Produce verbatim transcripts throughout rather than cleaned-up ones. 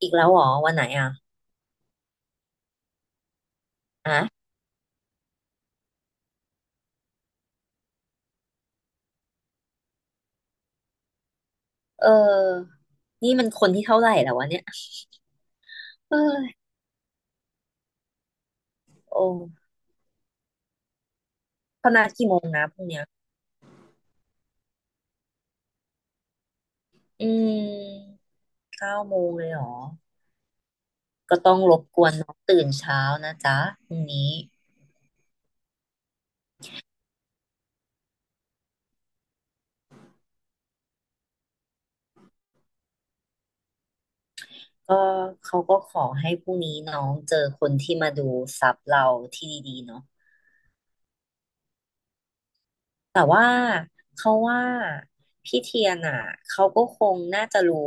อีกแล้วเหรอวันไหนอ่ะอ่ะเออ นี่มันคนที่เท่าไหร่แล้ววะเนี่ยเออโอ้เขานัดกี่โมงนะพรุ่งเนี้ยอืมเก้าโมงเลยเหรอก็ต้องรบกวนน้องตื่นเช้านะจ๊ะพรุ่งนี้ก็เขาก็ขอให้พรุ่งนี้น้องเจอคนที่มาดูซับเราที่ดีๆเนาะ แต่ว่าเขาว่าพี่เทียนอ่ะเขาก็คงน่าจะรู้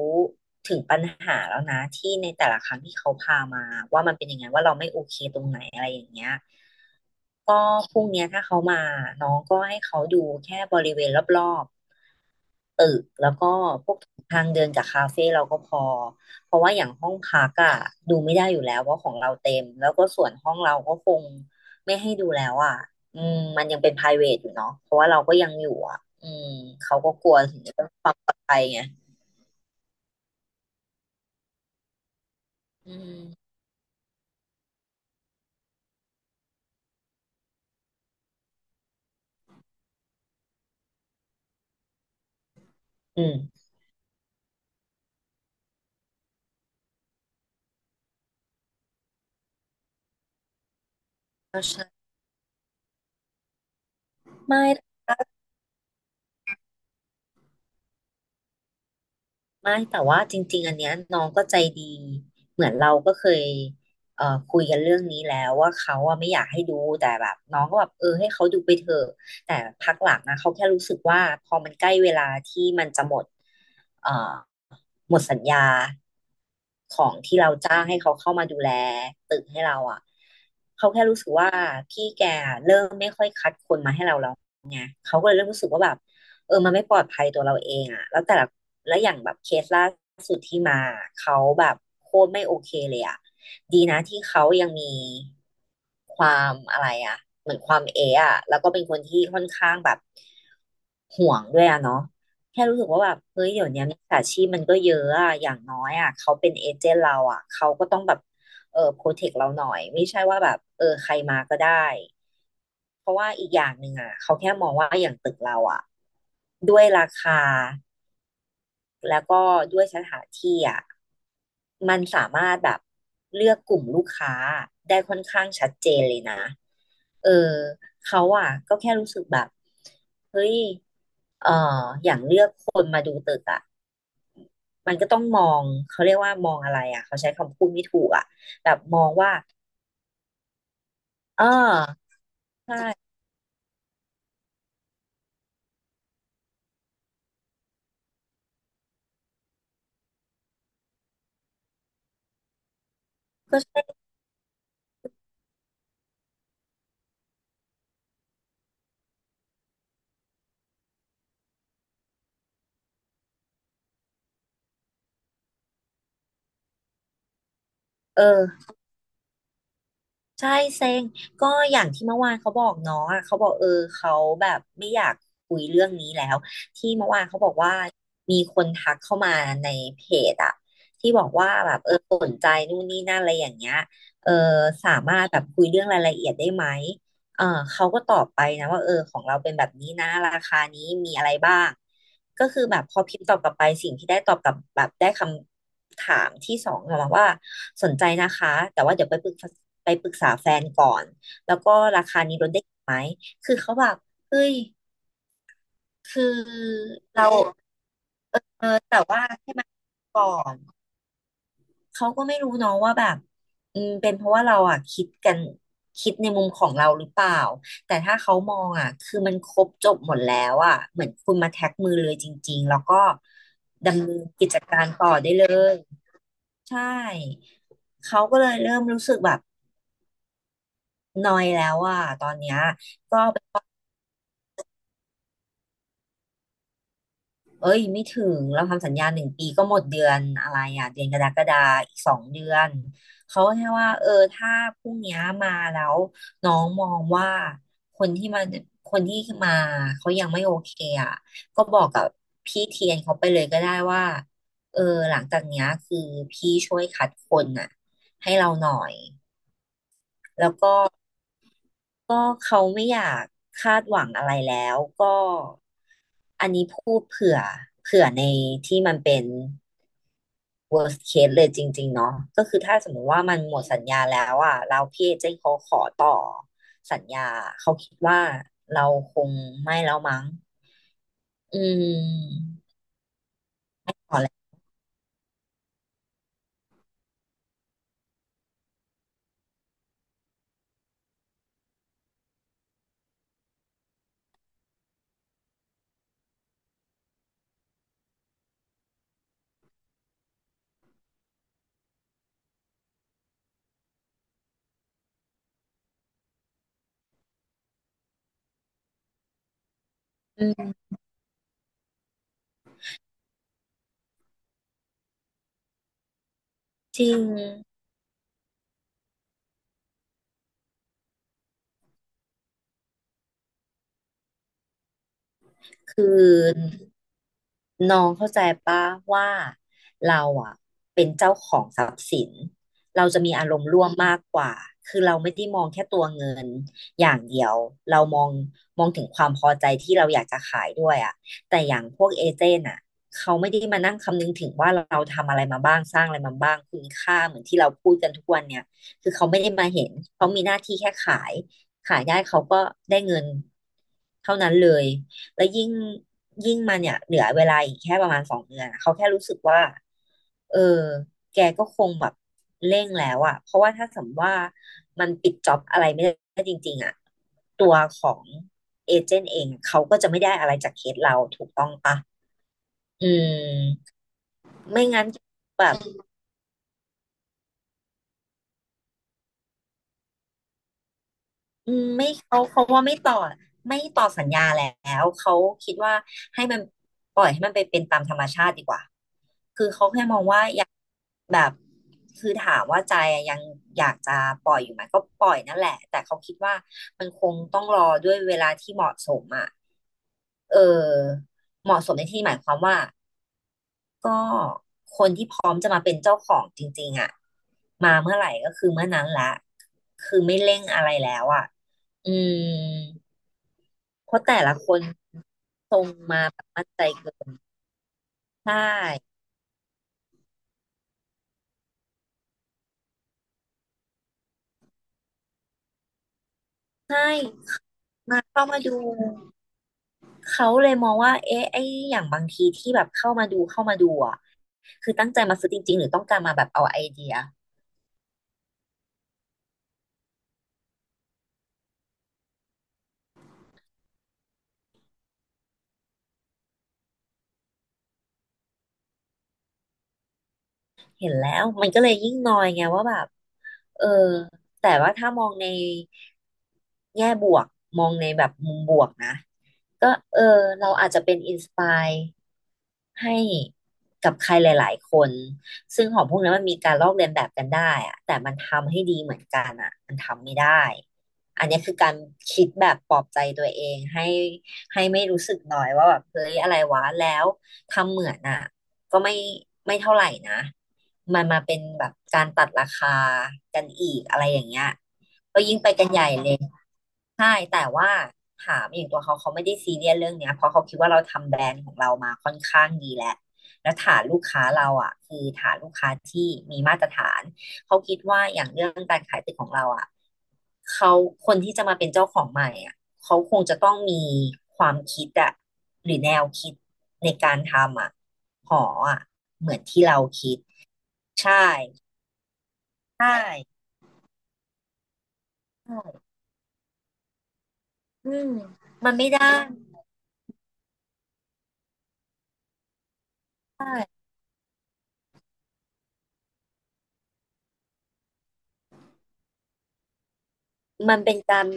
ถึงปัญหาแล้วนะที่ในแต่ละครั้งที่เขาพามาว่ามันเป็นยังไงว่าเราไม่โอเคตรงไหนอะไรอย่างเงี้ยก็พรุ่งเนี้ยถ้าเขามาน้องก็ให้เขาดูแค่บริเวณรอบ ตึกแล้วก็พวกทางเดินกับคาเฟ่เราก็พอเพราะว่าอย่างห้องพักอะดูไม่ได้อยู่แล้วเพราะของเราเต็มแล้วก็ส่วนห้องเราก็คงไม่ให้ดูแล้วอะอืมมันยังเป็น private อยู่เนาะเพราะว่าเราก็ยังอยู่อะอืมเขาก็กลัวถึงเรื่องความปลอดภัยไงอืมอืมไม่ ไม่แต่ว่าจริงๆอันเนี้ยน้องก็ใจดีเหมือนเราก็เคยเอ่อคุยกันเรื่องนี้แล้วว่าเขาอะไม่อยากให้ดูแต่แบบน้องก็แบบเออให้เขาดูไปเถอะแต่พักหลังนะเขาแค่รู้สึกว่าพอมันใกล้เวลาที่มันจะหมดเอ่อหมดสัญญาของที่เราจ้างให้เขาเข้ามาดูแลตึกให้เราอะเขาแค่รู้สึกว่าพี่แกเริ่มไม่ค่อยคัดคนมาให้เราแล้วไงเขาก็เลยเริ่มรู้สึกว่าแบบ เออมันไม่ปลอดภัยตัวเราเองอะแล้วแต่ละแล้วอย่างแบบเคสล่าสุดที่มาเขาแบบโคตรไม่โอเคเลยอะดีนะที่เขายังมีความอะไรอะเหมือนความเอะอะแล้วก็เป็นคนที่ค่อนข้างแบบ ห่วงด้วยอะเนาะแค่รู้สึกว่าแบบเฮ้ยเดี๋ยวนี้ยมิจฉาชีพมันก็เยอะอะอย่างน้อยอะเขาเป็นเอเจนต์เราอะเขาก็ต้องแบบเออโปรเทคเราหน่อยไม่ใช่ว่าแบบเออใครมาก็ได้เพราะว่าอีกอย่างหนึ่งอะเขาแค่มองว่าอย่างตึกเราอะด้วยราคาแล้วก็ด้วยสถานที่อะมันสามารถแบบเลือกกลุ่มลูกค้าได้ค่อนข้างชัดเจนเลยนะเออเขาอะก็แค่รู้สึกแบบเฮ้ย เอ่ออย่างเลือกคนมาดูตึกอ่ะมันก็ต้องมอง เขาเรียกว่ามองอะไรอ่ะเขาใช้คำพูดไม่ถูกอ่ะแบบมองว่าเออใช่ก็ใช่เออใช่เซ็งก็อย่างที่เมื่อวานเขาบอกน้องอ่ะเขาบอกเออเขาแบบไม่อยากคุยเรื่องนี้แล้วที่เมื่อวานเขาบอกว่ามีคนทักเข้ามาในเพจอ่ะที่บอกว่าแบบเออสนใจนู่นนี่นั่นอะไรอย่างเงี้ยเออสามารถแบบคุยเรื่องรายละเอียดได้ไหม เออเขาก็ตอบไปนะว่าเออของเราเป็นแบบนี้นะราคานี้มีอะไรบ้างก็คือแบบพอพิมพ์ตอบกลับไปสิ่งที่ได้ตอบกลับแบบได้คำถามที่สองกลับมาว่าสนใจนะคะแต่ว่าเดี๋ยวไปปรึกษาไปปรึกษาแฟนก่อนแล้วก็ราคานี้ลดได้อีกไหมคือเขาแบบเฮ้ยคือเราเออแต่ว่าให้มันก่อน เขาก็ไม่รู้เนาะว่าแบบอืมเป็นเพราะว่าเราอ่ะคิดกันคิดในมุมของเราหรือเปล่าแต่ถ้าเขามองอ่ะคือมันครบจบหมดแล้วอ่ะเหมือนคุณมาแท็กมือเลยจริงๆแล้วก็ดำเนินกิจการต่อได้เลยใช่เขาก็เลยเริ่มรู้สึกแบบนอยแล้วอ่ะตอนเนี้ยก็ไป เอ้ยไม่ถึงเราทำสัญญาหนึ่งปีก็หมดเดือนอะไรอ่ะเดือนกรกฎาอีกสองเดือนเขาแค่ว่าเออถ้าพรุ่งเนี้ยมาแล้วน้องมองว่าคนที่มาคนที่มาเขายังไม่โอเคอ่ะก็บอกกับพี่เทียนเขาไปเลยก็ได้ว่าเออหลังจากเนี้ยคือพี่ช่วยคัดคนน่ะให้เราหน่อยก็เขาไม่อยากคาดหวังอะไรแล้วก็ อันนี้พูดเผื่อ เผื่อในที่มันเป็น worst case เลยจริงๆ เนาะก็คือถ้าสมมติว่ามันหมดสัญญาแล้วอ่ะเราพี่เอเจนต์เขาขอต่อสัญญา เขาคิดว่าเราคงไม่แล้วมั้งอืมอืม จริง น้องเข้าใจปะว่าเราอ่ะเป็นเจ้าของทรัพย์สินเราจะมีอารมณ์ร่วมมากกว่าคือเราไม่ได้มองแค่ตัวเงินอย่างเดียวเรามองมองถึงความพอใจที่เราอยากจะขายด้วยอ่ะแต่อย่างพวกเอเจนต์อ่ะเขาไม่ได้มานั่งคำนึงถึงว่าเราทำอะไรมาบ้างสร้างอะไรมาบ้างคุณค่าเหมือนที่เราพูดกันทุกวันเนี่ยคือเขาไม่ได้มาเห็นเขามีหน้าที่แค่ขายขายได้เขาก็ได้เงินเท่านั้นเลย แล้วยิ่งยิ่งมาเนี่ยเหลือเวลาอีกแค่ประมาณสองเดือนอะเขาแค่รู้สึกว่าเออแกก็คงแบบเร่งแล้วอะเพราะว่าถ้าสมมติว่ามันปิดจ็อบอะไรไม่ได้จริงๆอะตัวของเอเจนต์เองเขาก็จะไม่ได้อะไรจากเคสเราถูกต้องปะอืมไม่งั้นแบบอืมไม่เขาเขาว่าไม่ต่อไม่ต่อสัญญาแล้วเขาคิดว่าให้มันปล่อยให้มันไปเป็นตามธรรมชาติดีกว่า อยากแบบคือถามว่าใจอะยังอยากจะปล่อยอยู่ไหมก็ปล่อยนั่นแหละแต่เขาคิดว่ามันคงต้องรอด้วยเวลาที่เหมาะสมอ่ะเออเหมาะสมในที่นี้หมายความว่าก็คนที่พร้อมจะมาเป็นเจ้าของจริงๆอ่ะมาเมื่อไหร่ก็คือเมื่อนั้นละคือไม่เร่งอะไรแล้วอ่ะอืมเพราะแต่ละคนทรงมาแบบมั่นใจเกินใช่ใช่มาเข้ามาดู เขาเลยมองว่าเอ๊ะไอ้อย่างบางทีที่แบบเข้ามาดูเข้ามาดูอ่ะคือตั้งใจมาซื้อจริงๆหรือต้องการมาแบบเอาไอเดีย เห็นแล้วมันก็เลยยิ่งนอยไงว่าแบบเออแต่ว่าถ้ามองในแง่บวกมองในแบบมุมบวกนะก็เออเราอาจจะเป็นอินสปายให้กับใครหลายๆคนซึ่งของพวกนั้นมันมีการลอกเลียนแบบกันได้อะแต่มันทำให้ดีเหมือนกันอะมันทำไม่ได้อันนี้คือการคิดแบบปลอบใจตัวเองให้ให้ไม่รู้สึกน้อยว่าแบบเฮ้ยอะไรวะแล้วทำเหมือนอะก็ไม่ไม่เท่าไหร่นะ มันมาเป็นแบบการตัดราคากันอีกอะไรอย่างเงี้ยก็ยิ่งไปกันใหญ่เลย ใช่ แต่ว่าถามอย่างตัวเขาเขาไม่ได้ซีเรียสเรื่องเนี้ยเพราะเขาคิดว่าเราทำแบรนด์ของเรามาค่อนข้างดีแล้วแล้วฐานลูกค้าเราอ่ะคือฐานลูกค้าที่มีมาตรฐานเขาคิดว่าอย่างเรื่องการขายตึกของเราอ่ะเขาคนที่จะมาเป็นเจ้าของใหม่อ่ะเขาคงจะต้องมีความคิดอ่ะหรือแนวคิดในการทำอ่ะหออ่ะเหมือนที่เราคิดใช่ ใช่ใช่อืมมันไม่ได้ใช่มันเป็นการ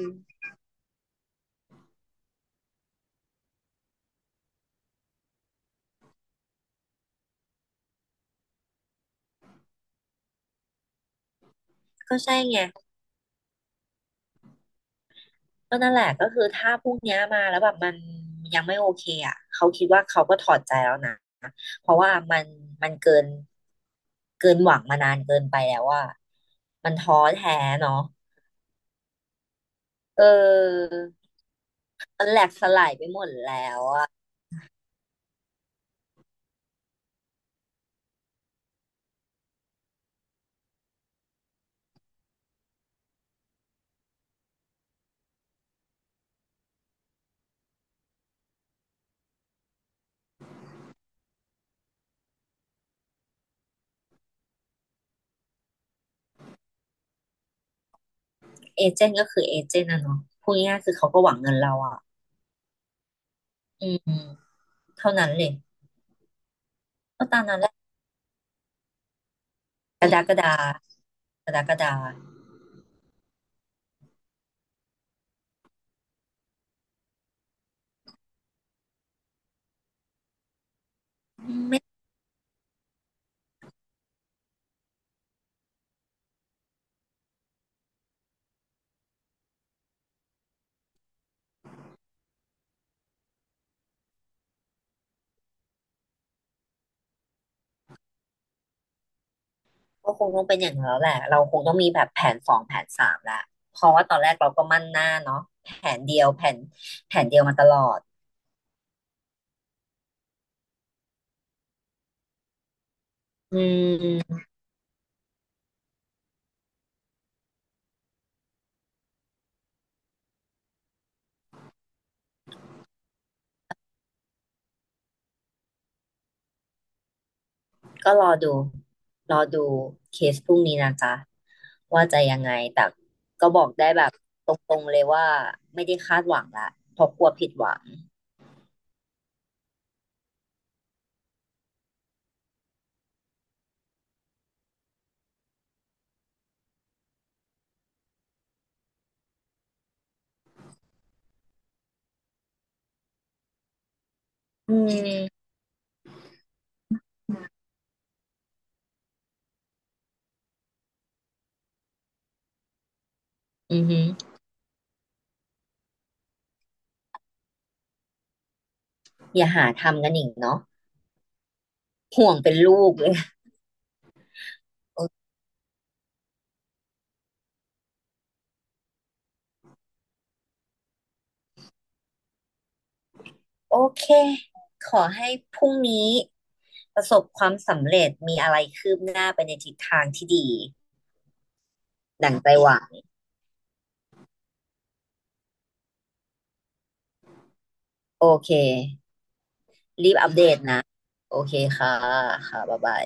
ก็ใช่ไงก็นั่นแหละก็คือถ้าพวกเนี้ยมาแล้วแบบมันยังไม่โอเคอ่ะเขาคิดว่าเขาก็ถอดใจแล้วนะเพราะว่ามันมันเกินเกินหวังมานานเกินไปแล้วว่ามันท้อแท้เนาะเออมันแหลกสลายไปหมดแล้วอะเอเจนต์ก็คือเอเจนต์นะเนาะพูดง่ายๆคือเขาก็หวังเงินเราอ่ะอืมเท่านั้นเลยก็ตามนั้นแหละ กรกฎากรกฎาก็คงต้องเป็นอย่างนั้นแล้วแหละเราคงต้องมีแบบแผนสองแผนสามละเพราะว่าตอนแรกเราก็มั่นหน้าเนาะแผนเดียวแผนแผนเดียวมาตลอดอืมก็รอดูรอดูเคสพรุ่งนี้นะจ๊ะว่าจะยังไงแต่ก็บอกได้แบบตรงๆเลยว่าไม่ได้คาดหวังละเพราะกลัวผิดหวังอืมอือหืออย่าหาทำกันอีกเนาะห่วงเป็นลูกเลยเออ โอเค ขอให้พรุ่งนี้ประสบความสำเร็จ มีอะไรคืบหน้าไปในทิศทางที่ดีดั่งใจหวังโอเค รีบอัปเดตนะ โอเคค่ะค่ะ บ๊ายบาย